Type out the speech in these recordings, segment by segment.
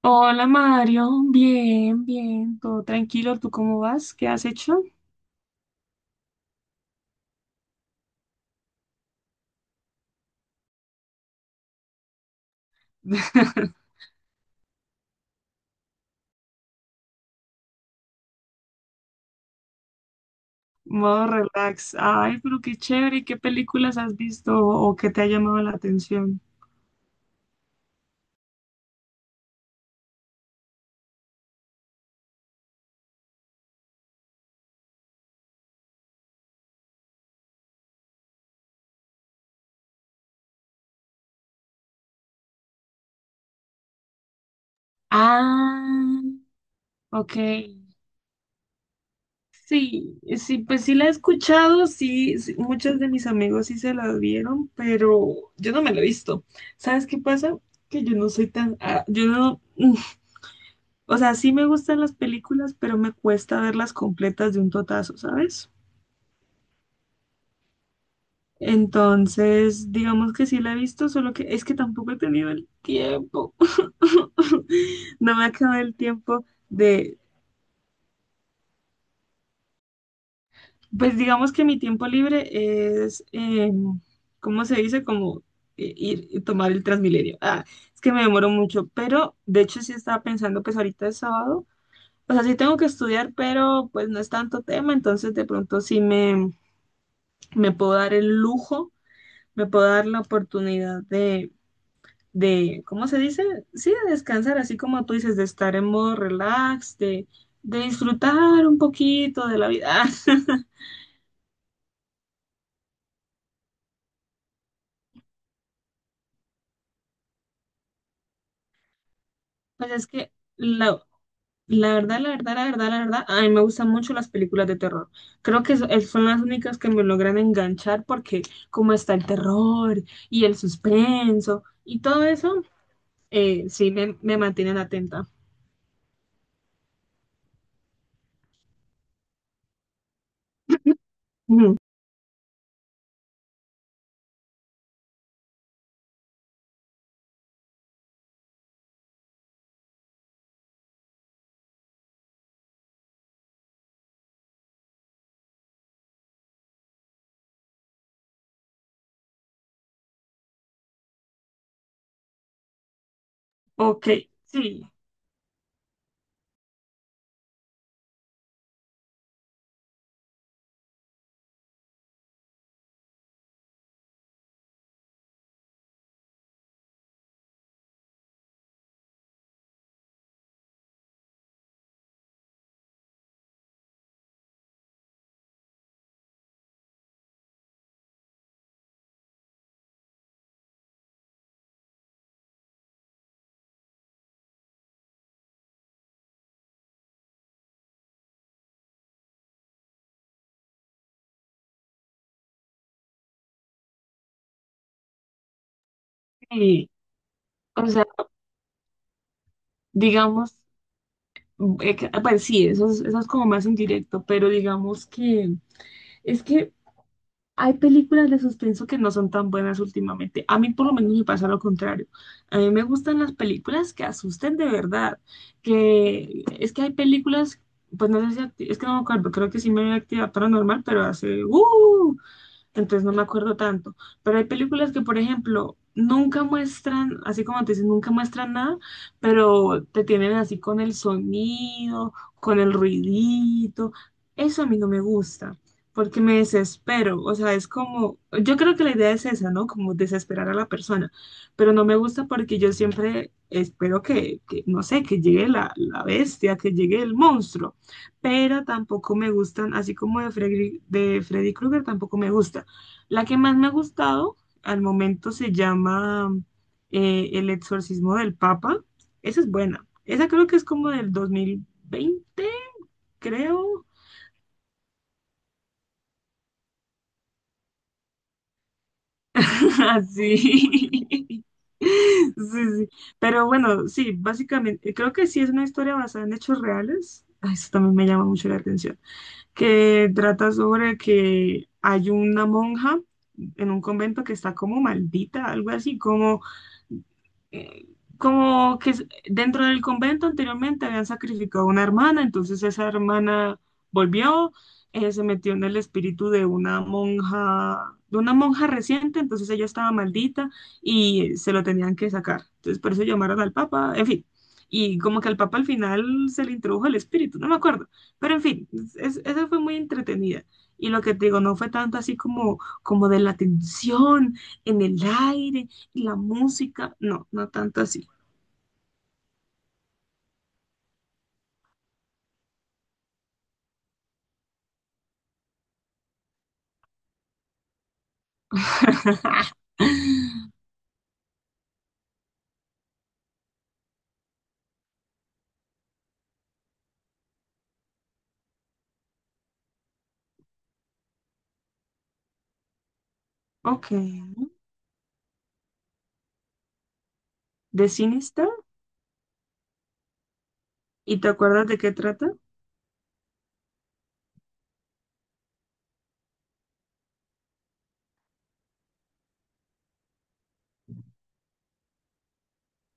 Hola Mario, bien, bien, todo tranquilo, ¿tú cómo vas? ¿Qué has hecho? Modo relax. Ay, pero qué chévere, ¿y qué películas has visto o qué te ha llamado la atención? Ah, ok. Sí, sí, pues sí la he escuchado, sí, sí, muchos de mis amigos sí se la vieron, pero yo no me la he visto. ¿Sabes qué pasa? Que yo no soy tan, yo no, o sea, sí me gustan las películas, pero me cuesta verlas completas de un totazo, ¿sabes? Entonces, digamos que sí la he visto, solo que es que tampoco he tenido el tiempo. No me ha quedado el tiempo de, pues digamos que mi tiempo libre es, ¿cómo se dice? Como ir y tomar el Transmilenio. Ah, es que me demoro mucho, pero de hecho sí estaba pensando, pues ahorita es sábado, o sea, sí tengo que estudiar, pero pues no es tanto tema, entonces de pronto sí me puedo dar el lujo, me puedo dar la oportunidad de, ¿cómo se dice? Sí, de descansar, así como tú dices, de estar en modo relax, de disfrutar un poquito de la vida. Pues es que la verdad, la verdad, la verdad, la verdad, a mí me gustan mucho las películas de terror. Creo que son las únicas que me logran enganchar porque como está el terror y el suspenso y todo eso, sí me mantienen atenta. Ujú. Ok, sí, sí. O sea, digamos. Pues sí, eso es como más indirecto, pero digamos que es que hay películas de suspenso que no son tan buenas últimamente. A mí por lo menos me pasa lo contrario. A mí me gustan las películas que asusten de verdad, que es que hay películas, pues no sé si, es que no me acuerdo, creo que sí me vi actividad paranormal, pero hace, ¡uh! Entonces no me acuerdo tanto. Pero hay películas que, por ejemplo, nunca muestran, así como te dicen, nunca muestran nada, pero te tienen así con el sonido, con el ruidito. Eso a mí no me gusta, porque me desespero. O sea, es como, yo creo que la idea es esa, ¿no? Como desesperar a la persona. Pero no me gusta porque yo siempre espero que no sé, que llegue la bestia, que llegue el monstruo, pero tampoco me gustan, así como de Freddy Krueger, tampoco me gusta, la que más me ha gustado al momento se llama El exorcismo del Papa. Esa es buena. Esa creo que es como del 2020, creo. Así. Sí, sí. Pero bueno, sí, básicamente, creo que sí es una historia basada en hechos reales. Ah, eso también me llama mucho la atención. Que trata sobre que hay una monja en un convento que está como maldita, algo así, como eh, como que s- dentro del convento anteriormente habían sacrificado una hermana, entonces esa hermana volvió, se metió en el espíritu de una monja reciente, entonces ella estaba maldita y se lo tenían que sacar. Entonces por eso llamaron al papa, en fin. Y como que al papa al final se le introdujo el espíritu, no me acuerdo. Pero en fin, esa fue muy entretenida. Y lo que te digo, no fue tanto así como, como de la tensión en el aire, la música, no, no tanto así. Ok, ¿de cine está? ¿Y te acuerdas de qué trata?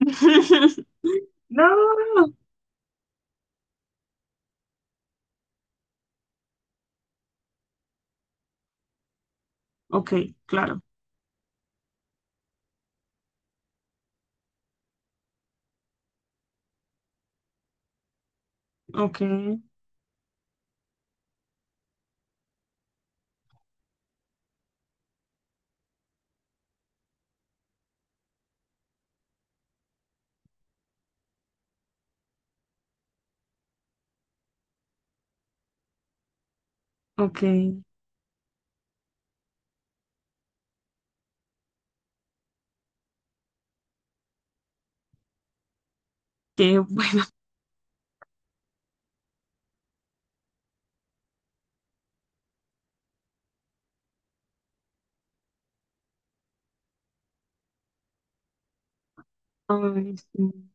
No. Ok, claro. Ok, ok. Qué bueno. Ay, sí.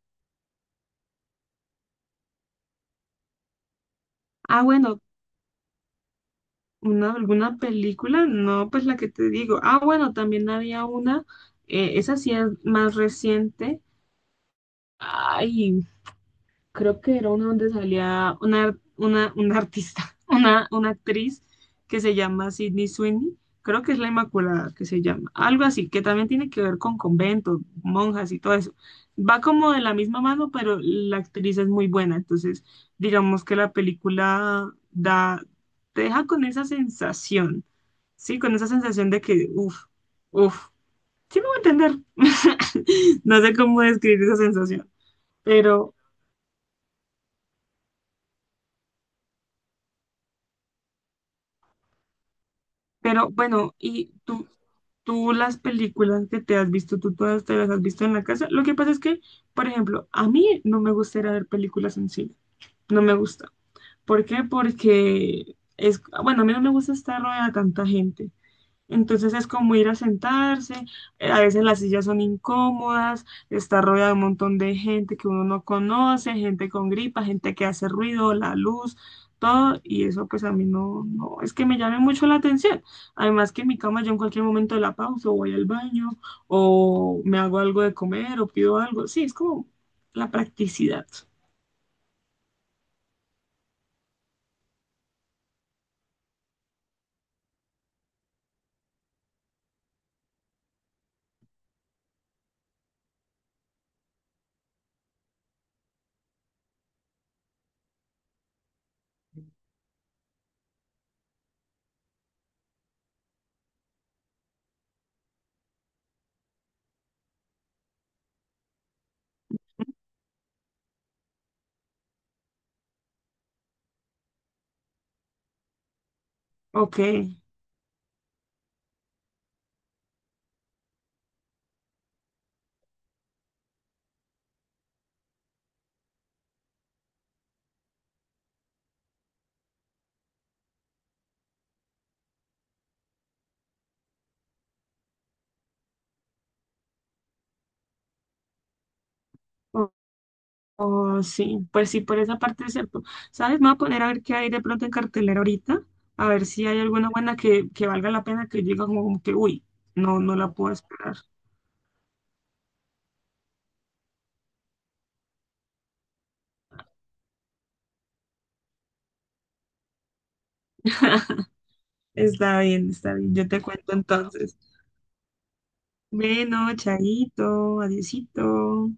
Ah, bueno, una, alguna película, no, pues la que te digo. Ah, bueno, también había esa sí es más reciente. Ay, creo que era uno donde salía una artista, una actriz que se llama Sydney Sweeney, creo que es la Inmaculada que se llama, algo así, que también tiene que ver con conventos, monjas y todo eso. Va como de la misma mano, pero la actriz es muy buena, entonces digamos que la película da, te deja con esa sensación, ¿sí? Con esa sensación de que, uff, uff, sí me voy a entender. No sé cómo describir esa sensación, pero Pero bueno, y tú las películas que te has visto, tú todas te las has visto en la casa. Lo que pasa es que, por ejemplo, a mí no me gusta ir a ver películas en cine. No me gusta. ¿Por qué? Porque es, bueno, a mí no me gusta estar rodeada de tanta gente. Entonces es como ir a sentarse, a veces las sillas son incómodas, está rodeado de un montón de gente que uno no conoce, gente con gripa, gente que hace ruido, la luz, todo, y eso pues a mí no, no, es que me llame mucho la atención. Además que en mi cama yo en cualquier momento de la pausa o voy al baño o me hago algo de comer o pido algo. Sí, es como la practicidad. Ok, oh, sí, pues sí, por esa parte es cierto. ¿Sabes? Me voy a poner a ver qué hay de pronto en cartelera ahorita, a ver si hay alguna buena que valga la pena que llega como, como que, uy, no, no la puedo esperar. Está bien, yo te cuento entonces. Bueno, chaito, adiosito.